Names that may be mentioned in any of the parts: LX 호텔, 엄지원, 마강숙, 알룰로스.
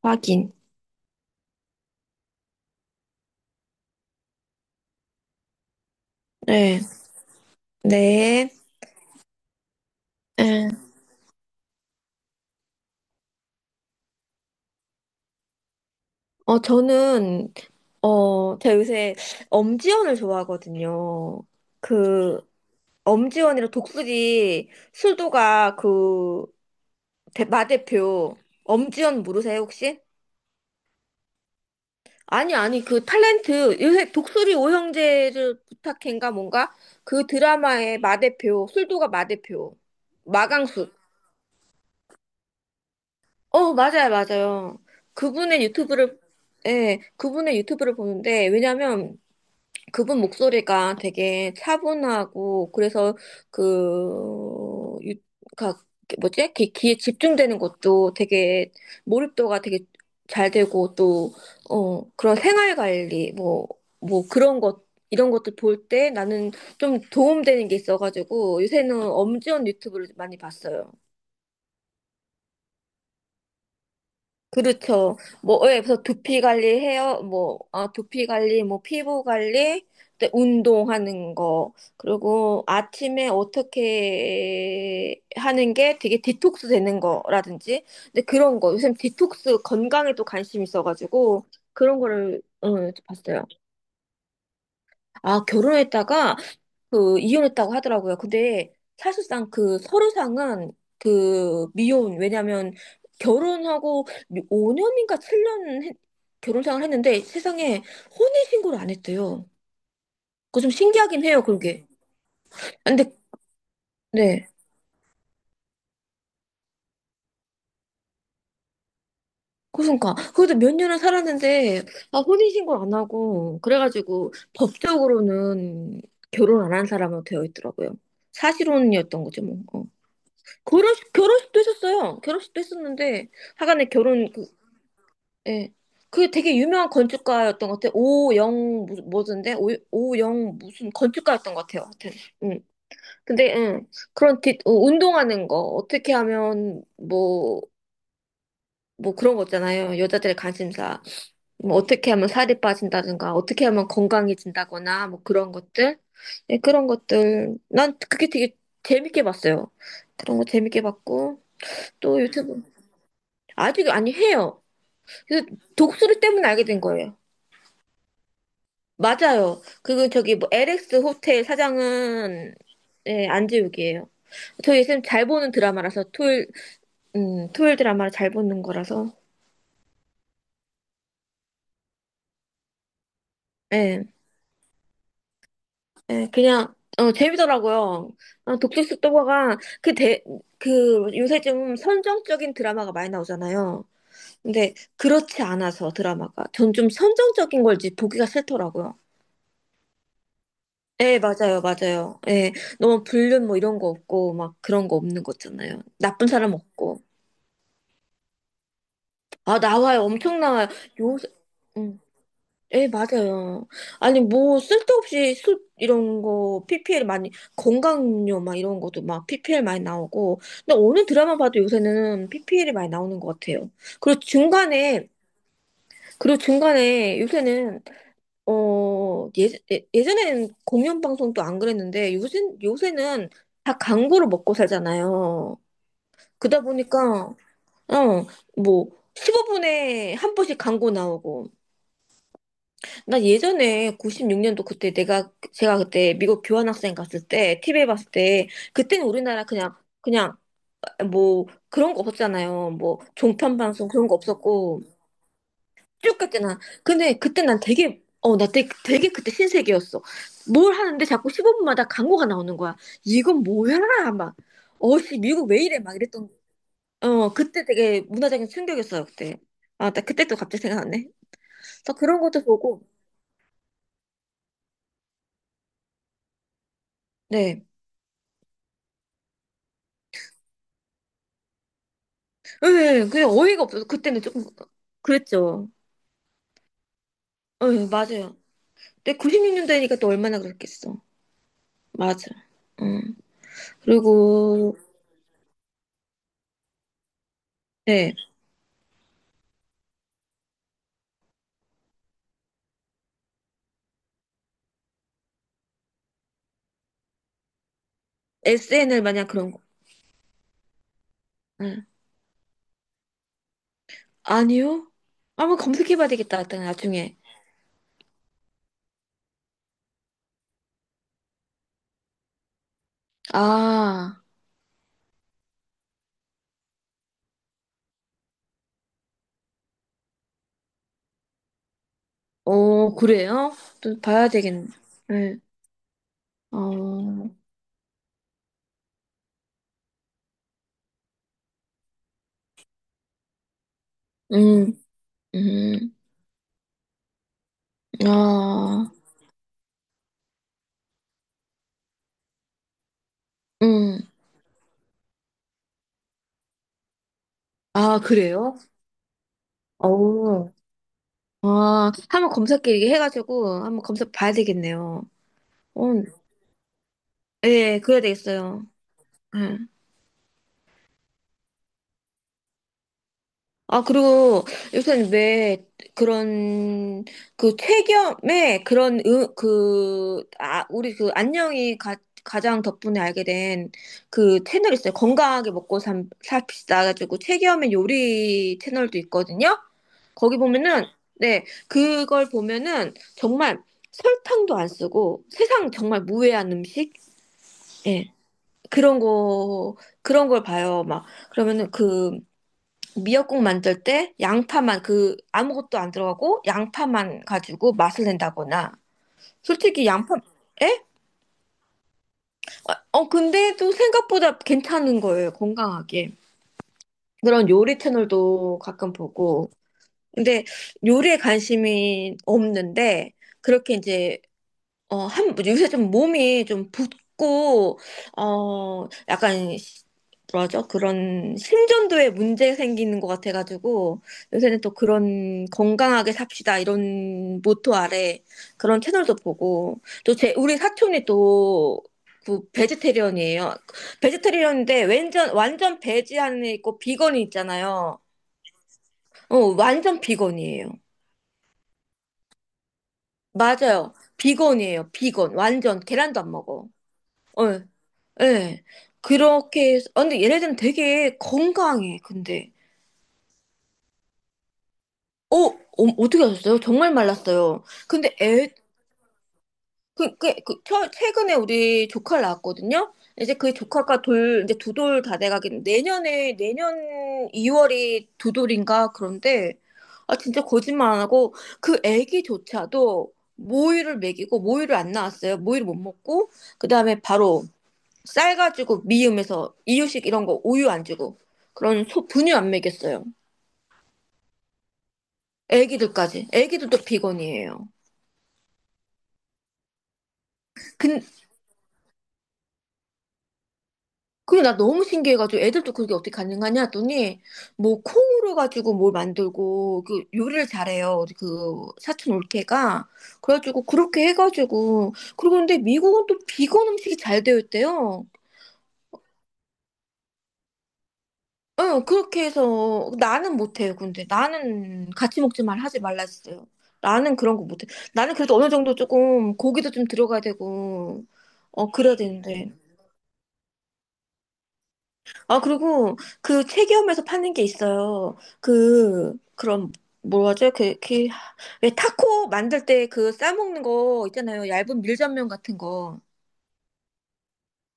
확인. 네. 네. 네. 저는, 제가 요새 엄지원을 좋아하거든요. 그, 엄지원이랑 독수리 술도가 그, 대, 마 대표. 엄지원 모르세요, 혹시? 아니, 아니, 그 탤런트, 요새 독수리 오형제를 부탁해인가 뭔가? 그 드라마의 마 대표, 술도가 마 대표. 마강숙. 어, 맞아요, 맞아요. 그분의 유튜브를, 예, 그분의 유튜브를 보는데, 왜냐면 그분 목소리가 되게 차분하고, 그래서 그, 유, 가, 뭐지? 귀, 귀에 집중되는 것도 되게, 몰입도가 되게 잘 되고, 또, 그런 생활 관리, 뭐, 뭐 그런 것, 이런 것들 볼 때 나는 좀 도움되는 게 있어가지고, 요새는 엄지원 유튜브를 많이 봤어요. 그렇죠. 뭐, 예, 그래서 두피 관리, 해요. 뭐, 아, 두피 관리, 뭐, 피부 관리, 또 운동하는 거, 그리고 아침에 어떻게 하는 게 되게 디톡스 되는 거라든지, 근데 그런 거, 요즘 디톡스 건강에 도 관심이 있어가지고, 그런 거를, 봤어요. 아, 결혼했다가 그 이혼했다고 하더라고요. 근데 사실상 그 서류상은 그 미혼 왜냐면 결혼하고 5년인가 7년 결혼 생활 했는데 세상에 혼인 신고를 안 했대요. 그거 좀 신기하긴 해요, 그게. 아, 근데 네. 그러니까 그래도 몇 년을 살았는데 아 혼인 신고를 안 하고 그래가지고 법적으로는 결혼 안 한 사람으로 되어 있더라고요. 사실혼이었던 거죠, 뭐. 어. 결혼식도 했었어요. 결혼식도 했었는데 하간에 결혼 그 예. 그게 되게 유명한 건축가였던 것 같아요. 오영 무슨 뭐던데? 오, 오영 무슨 건축가였던 것 같아요. 하여튼. 음. 근데 그런 뒷 운동하는 거 어떻게 하면 뭐 뭐 그런 거 있잖아요. 여자들의 관심사. 뭐 어떻게 하면 살이 빠진다든가 어떻게 하면 건강해진다거나 뭐 그런 것들. 예, 그런 것들. 난 그게 되게 재밌게 봤어요. 그런 거 재밌게 봤고 또 유튜브 아직 아니 해요. 그래서 독수리 때문에 알게 된 거예요. 맞아요. 그리고 저기 뭐 LX 호텔 사장은 예, 안재욱이에요. 저희 쌤 잘 보는 드라마라서 토요일 토요일 드라마를 잘 보는 거라서 예, 예, 그냥 재미더라고요. 어, 독특식 도가가 그 대, 그 요새 좀 선정적인 드라마가 많이 나오잖아요. 근데 그렇지 않아서 드라마가 전 좀 선정적인 걸지 보기가 싫더라고요. 예, 맞아요, 맞아요. 예, 너무 불륜 뭐 이런 거 없고 막 그런 거 없는 거잖아요. 나쁜 사람 없고. 아, 나와요. 엄청 나와요. 요새, 음, 예, 맞아요. 아니, 뭐, 쓸데없이 술, 이런 거, PPL 많이, 건강음료 막 이런 것도 막 PPL 많이 나오고. 근데 어느 드라마 봐도 요새는 PPL이 많이 나오는 것 같아요. 그리고 중간에, 그리고 중간에 요새는, 예, 예전에는 공연방송도 안 그랬는데, 요새는 다 광고를 먹고 살잖아요. 그러다 보니까, 어, 뭐, 15분에 한 번씩 광고 나오고, 나 예전에 96년도 그때 내가 제가 그때 미국 교환학생 갔을 때 TV에 봤을 때 그때는 우리나라 그냥 뭐 그런 거 없었잖아요. 뭐 종편 방송 그런 거 없었고 쭉 갔잖아. 근데 그때 난 되게 어 나 되게 그때 신세계였어. 뭘 하는데 자꾸 15분마다 광고가 나오는 거야. 이건 뭐야? 막 어씨 미국 왜 이래? 막 이랬던 그때 되게 문화적인 충격이었어요 그때. 아 나 그때 또 갑자기 생각났네. 그래서 그런 것도 보고 네. 예, 그냥 어이가 없어서 그때는 조금 그랬죠. 예, 맞아요. 근데 96년대니까 또 얼마나 그랬겠어. 맞아. 음. 그리고 네, SNL 마냥 그런 거. 예. 아니요? 한번 검색해봐야 되겠다. 일단 나중에. 아, 어, 그래요? 또 봐야 되겠네. 네. 어, 음, 음, 아, 음, 아, 그래요? 어, 아, 한번 검색해 해가지고 한번 검색 봐야 되겠네요. 어, 예, 그래야 되겠어요. 예. 아, 그리고 요새는 왜 그런, 그 퇴겸의 그런, 그, 아, 우리 그 안녕이 가, 가장 덕분에 알게 된 그 채널 있어요. 건강하게 먹고 삽, 삽시다 가지고 퇴겸의 요리 채널도 있거든요. 거기 보면은, 네, 그걸 보면은 정말 설탕도 안 쓰고 세상 정말 무해한 음식? 예. 그런 거, 그런 걸 봐요. 막, 그러면은 그, 미역국 만들 때 양파만 그 아무것도 안 들어가고 양파만 가지고 맛을 낸다거나 솔직히 양파 에? 근데도 생각보다 괜찮은 거예요 건강하게 그런 요리 채널도 가끔 보고 근데 요리에 관심이 없는데 그렇게 이제 한, 요새 좀 몸이 좀 붓고, 약간, 뭐라죠? 그런 심전도에 문제 생기는 것 같아가지고, 요새는 또 그런 건강하게 삽시다, 이런 모토 아래 그런 채널도 보고, 또 제, 우리 사촌이 또, 그, 베지테리언이에요. 베지테리언인데, 완전 베지 안에 있고, 비건이 있잖아요. 어, 완전 비건이에요. 맞아요. 비건이에요. 비건. 완전. 계란도 안 먹어. 어. 예. 그렇게 해서, 아, 근데 얘네들은 되게 건강해, 근데. 떻게 하셨어요? 정말 말랐어요. 근데 애, 그, 최근에 우리 조카를 낳았거든요? 이제 그 조카가 돌, 이제 두 돌 다 돼가긴, 내년에, 내년 2월이 두 돌인가? 그런데, 아, 진짜 거짓말 안 하고, 그 애기조차도 모유를 먹이고, 모유를 안 나왔어요. 모유를 못 먹고, 그 다음에 바로, 쌀 가지고 미음에서 이유식 이런 거 우유 안 주고 그런 소 분유 안 먹였어요. 애기들까지. 애기들도 비건이에요. 근, 그게 나 너무 신기해가지고 애들도 그게 어떻게 가능하냐 했더니 뭐 콩으로 가지고 뭘 만들고 그 요리를 잘해요. 그 사촌 올케가. 그래가지고 그렇게 해가지고 그리고 근데 미국은 또 비건 음식이 잘 되어 있대요. 그렇게 해서 나는 못해요. 근데 나는 같이 먹지 말 하지 말라 했어요. 나는 그런 거 못해. 나는 그래도 어느 정도 조금 고기도 좀 들어가야 되고 어 그래야 되는데. 아 그리고 그 체기업에서 파는 게 있어요. 그 그런 뭐라 하죠? 그왜 타코 만들 때 그 싸먹는 거 있잖아요. 얇은 밀전면 같은 거.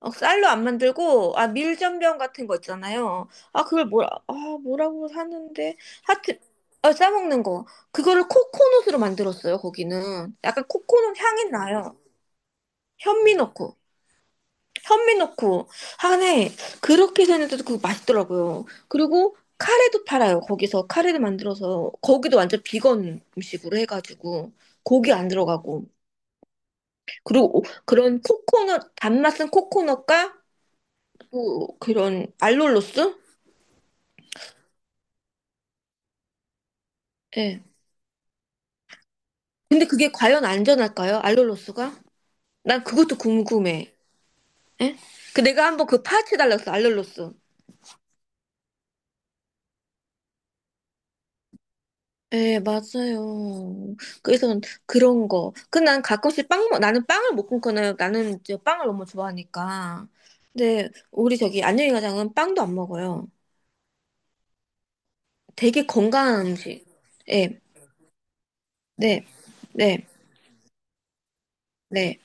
어, 쌀로 안 만들고, 아, 밀전병 같은 거 있잖아요. 아, 그걸 뭐라, 아, 뭐라고 사는데, 하여튼, 싸먹는 거. 그거를 코코넛으로 만들었어요, 거기는. 약간 코코넛 향이 나요. 현미 넣고, 현미 넣고. 하네, 그렇게 해서 했는데도 그거 맛있더라고요. 그리고 카레도 팔아요, 거기서. 카레를 만들어서. 거기도 완전 비건 음식으로 해가지고. 고기 안 들어가고. 그리고 그런 코코넛, 단맛은 코코넛과 또 그런 알룰로스? 예. 근데 그게 과연 안전할까요? 알룰로스가? 난 그것도 궁금해. 예? 그 내가 한번 그 파헤쳐달라 어 알룰로스. 예, 맞아요. 그래서 그런 거. 그난 가끔씩 빵, 나는 빵을 못 끊거나 나는 이제 빵을 너무 좋아하니까. 근데 우리 저기 안녕히 가장은 빵도 안 먹어요. 되게 건강한 음식. 예, 네, 네, 네.